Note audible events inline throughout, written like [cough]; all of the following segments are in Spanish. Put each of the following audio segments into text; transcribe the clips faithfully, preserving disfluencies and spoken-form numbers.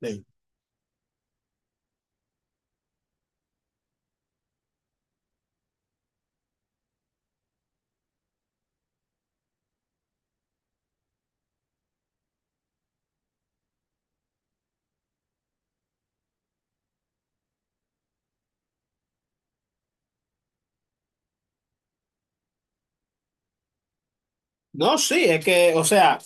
Sí. No, sí, es que, o sea,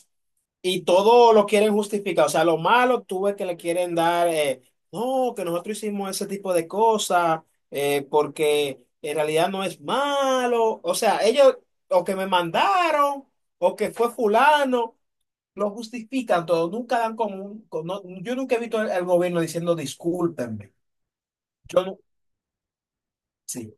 y todo lo quieren justificar. O sea, lo malo tú ves que le quieren dar, eh, no, que nosotros hicimos ese tipo de cosas, eh, porque en realidad no es malo. O sea, ellos, o que me mandaron, o que fue fulano, lo justifican todo. Nunca dan como un, con- no, yo nunca he visto al al gobierno diciendo discúlpenme. Yo no, sí.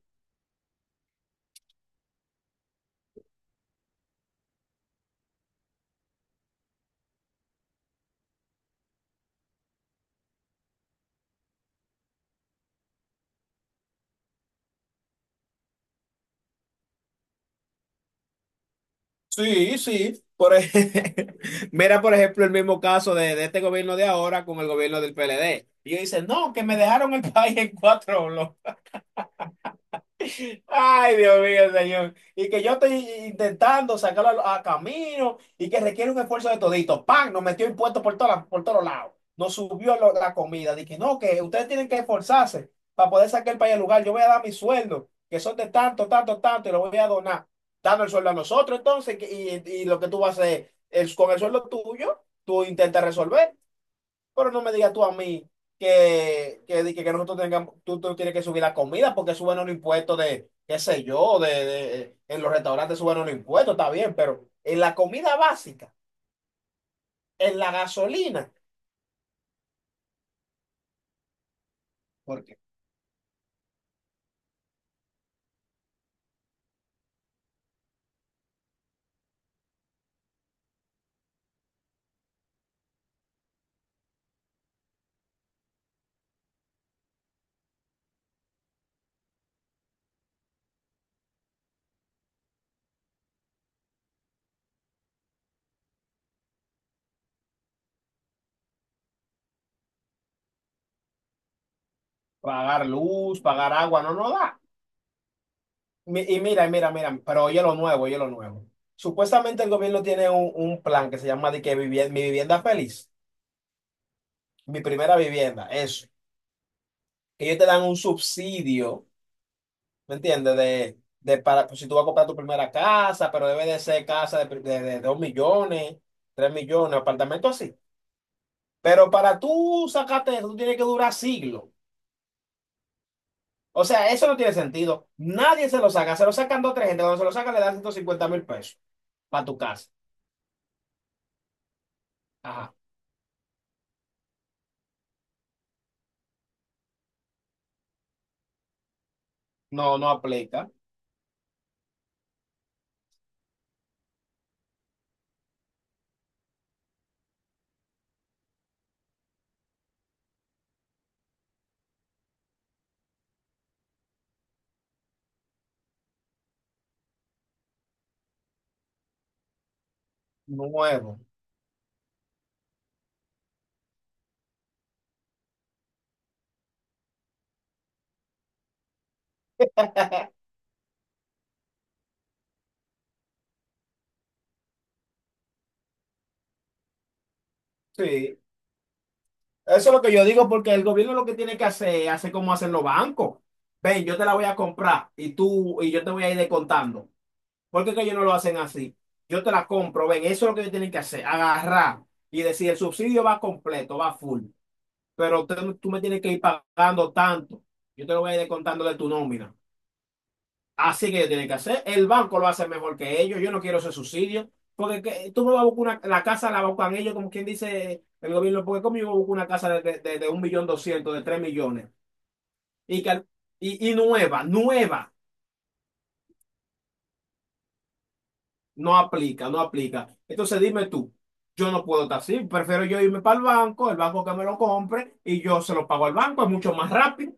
Sí, sí. Por ej- [laughs] Mira, por ejemplo, el mismo caso de, de este gobierno de ahora con el gobierno del P L D. Y ellos dicen, no, que me dejaron el país en cuatro. Ay, Dios mío, señor. Y que yo estoy intentando sacarlo a, a camino y que requiere un esfuerzo de todito. ¡Pam! Nos metió impuestos por, todas las- por todos lados. Nos subió lo- la comida. Dije, no, que ustedes tienen que esforzarse para poder sacar el país del lugar. Yo voy a dar mi sueldo, que son de tanto, tanto, tanto, y lo voy a donar. Dando el sueldo a nosotros, entonces, que- y, y lo que tú vas a hacer es con el sueldo tuyo, tú intentas resolver. Pero no me digas tú a mí que, que, di- que, que nosotros tengamos, tú, tú tienes que subir la comida porque suben los impuestos de, qué sé yo, de, de- en los restaurantes suben los impuestos, está bien, pero en la comida básica, en la gasolina, porque pagar luz, pagar agua no nos da. Mi- Y mira, y mira, mira, pero oye lo nuevo, oye lo nuevo. Supuestamente el gobierno tiene un, un plan que se llama de que vivi- mi vivienda feliz, mi primera vivienda, eso. Que ellos te dan un subsidio. ¿Me entiendes? De, de para, pues, si tú vas a comprar tu primera casa, pero debe de ser casa de, pri- de, de dos millones, tres millones, apartamento así. Pero para tú sacarte eso, tú tienes que durar siglos. O sea, eso no tiene sentido. Nadie se lo saca. Se lo sacan dos o tres gente. Cuando se lo sacan, le dan ciento cincuenta mil pesos para tu casa. Ajá. No, no aplica. Nuevo. Sí. Eso es lo que yo digo, porque el gobierno lo que tiene que hacer es hacer como hacen los bancos. Ven, yo te la voy a comprar y tú y yo te voy a ir descontando. Porque que ellos no lo hacen así. Yo te la compro, ven, eso es lo que yo tienen que hacer, agarrar y decir, el subsidio va completo, va full, pero tú, tú me tienes que ir pagando tanto, yo te lo voy a ir descontando de tu nómina. Así que yo tienen que hacer, el banco lo hace mejor que ellos, yo no quiero ese subsidio, porque que- tú me vas a buscar una, la casa la buscan ellos, como quien dice el gobierno, porque como yo voy a buscar una casa de, de, de, de un millón doscientos, de tres millones, y, que, al- y, y nueva, nueva. No aplica, no aplica. Entonces dime tú, yo no puedo estar así, prefiero yo irme para el banco, el banco que me lo compre y yo se lo pago al banco, es mucho más rápido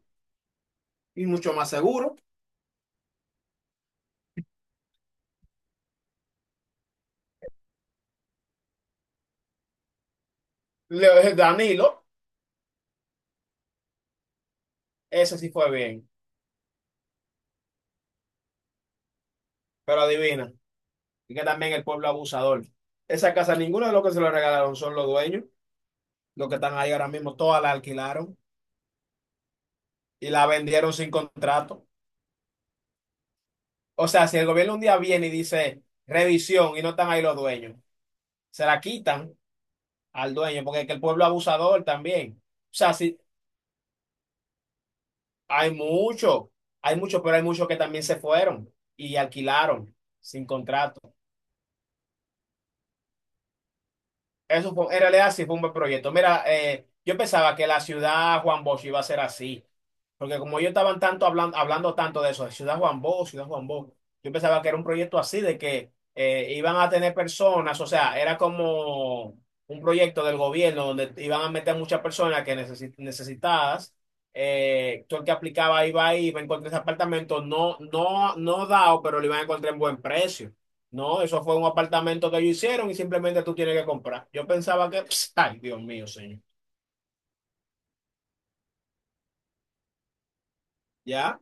y mucho más seguro. Le- Danilo, ese sí fue bien, pero adivina, y que también el pueblo abusador. Esa casa, ninguno de los que se lo regalaron son los dueños, los que están ahí ahora mismo, todas la alquilaron y la vendieron sin contrato. O sea, si el gobierno un día viene y dice revisión y no están ahí los dueños, se la quitan al dueño, porque es que el pueblo abusador también. O sea, sí, hay muchos, hay muchos, pero hay muchos que también se fueron y alquilaron sin contrato. Eso fue, en realidad sí fue un buen proyecto. Mira, eh, yo pensaba que la ciudad Juan Bosch iba a ser así, porque como ellos estaban tanto hablando, hablando tanto de eso, de ciudad Juan Bosch, ciudad Juan Bosch, yo pensaba que era un proyecto así, de que eh, iban a tener personas, o sea, era como un proyecto del gobierno donde iban a meter muchas personas que necesi- necesitadas. Eh, tú el que aplicaba iba ahí, iba a encontrar ese apartamento, no, no, no dado, pero lo iban a encontrar en buen precio. No, eso fue un apartamento que ellos hicieron y simplemente tú tienes que comprar. Yo pensaba que, pss, ay, Dios mío, señor. ¿Ya?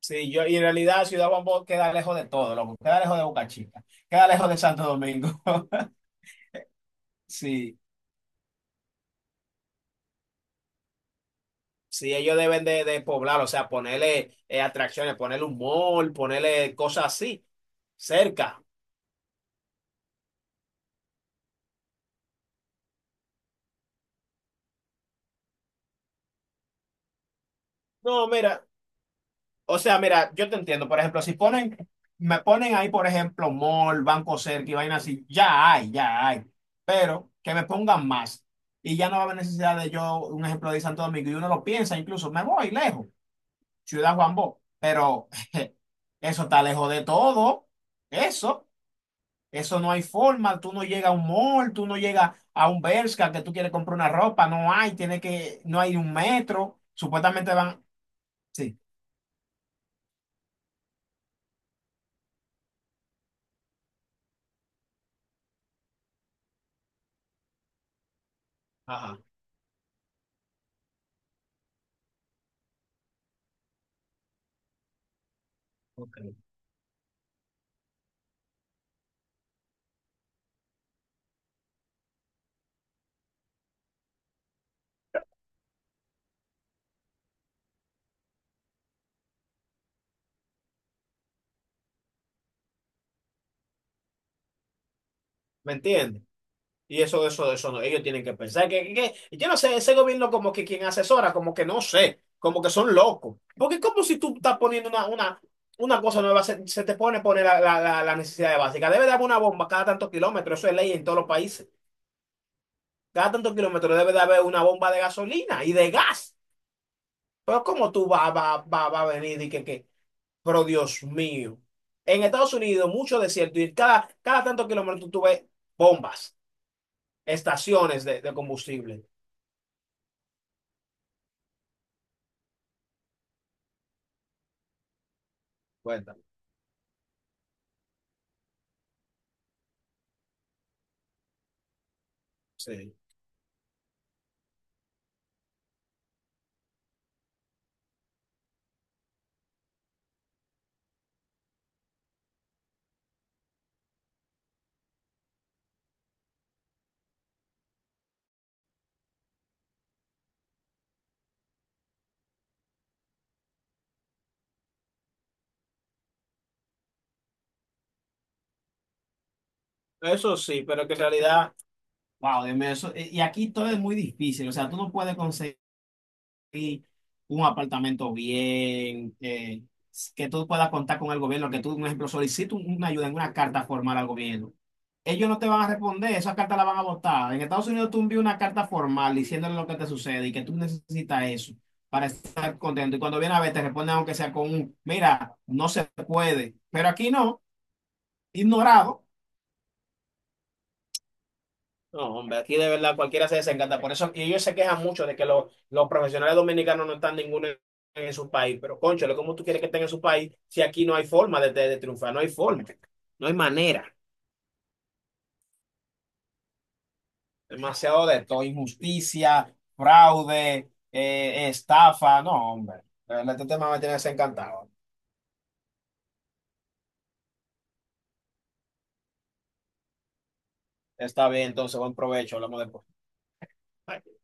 Sí, yo, y en realidad Ciudad Guambó queda lejos de todo, loco. Queda lejos de Boca Chica. Queda lejos de Santo Domingo. [laughs] Sí, sí, ellos deben de, de poblar, o sea, ponerle eh, atracciones, ponerle un mall, ponerle cosas así, cerca. No, mira. O sea, mira, yo te entiendo. Por ejemplo, si ponen, me ponen ahí, por ejemplo, mall, Banco Cerca y vaina así, ya hay, ya hay. Pero que me pongan más. Y ya no va a haber necesidad de yo, un ejemplo de Santo Domingo, y uno lo piensa incluso, me voy lejos, Ciudad Juan Bó. Pero [laughs] eso está lejos de todo. Eso, eso no hay forma. Tú no llegas a un mall, tú no llegas a un Bershka que tú quieres comprar una ropa, no hay, tiene que, no hay un metro. Supuestamente van, sí. Ajá, ok. ¿Me entiendes? Y eso, eso, eso no. Ellos tienen que pensar que, que- que- yo no sé, ese gobierno como que quien asesora, como que no sé, como que son locos. Porque es como si tú estás poniendo una, una, una cosa nueva, se, se te pone poner la, la, la, la necesidad básica. Debe de haber una bomba cada tantos kilómetros, eso es ley en todos los países. Cada tantos kilómetros debe de haber una bomba de gasolina y de gas. Pero ¿cómo tú vas va, va, va va a venir y que, que, pero Dios mío? En Estados Unidos, mucho desierto y cada, cada tantos kilómetros tú ves bombas, estaciones de, de combustible. Bueno. Sí, eso sí, pero que en realidad, wow, Dios mío, eso, y y aquí todo es muy difícil, o sea, tú no puedes conseguir un apartamento bien, eh, que tú puedas contar con el gobierno, que tú, por ejemplo, solicitas un- una ayuda en una carta formal al gobierno. Ellos no te van a responder, esas cartas las van a botar. En Estados Unidos tú envías una carta formal diciéndole lo que te sucede y que tú necesitas eso para estar contento. Y cuando viene a ver, te responden aunque sea con un, mira, no se puede, pero aquí no, ignorado. No, hombre, aquí de verdad cualquiera se desencanta. Por eso, y ellos se quejan mucho de que los, los profesionales dominicanos no están ninguno en, en su país. Pero, cónchale, ¿cómo tú quieres que estén en su país si aquí no hay forma de, de- de triunfar? No hay forma. No hay manera. Demasiado de todo. Injusticia, fraude, eh, estafa. No, hombre. De verdad, este tema me tiene desencantado. Está bien, entonces, buen provecho. Hablamos después. Bye.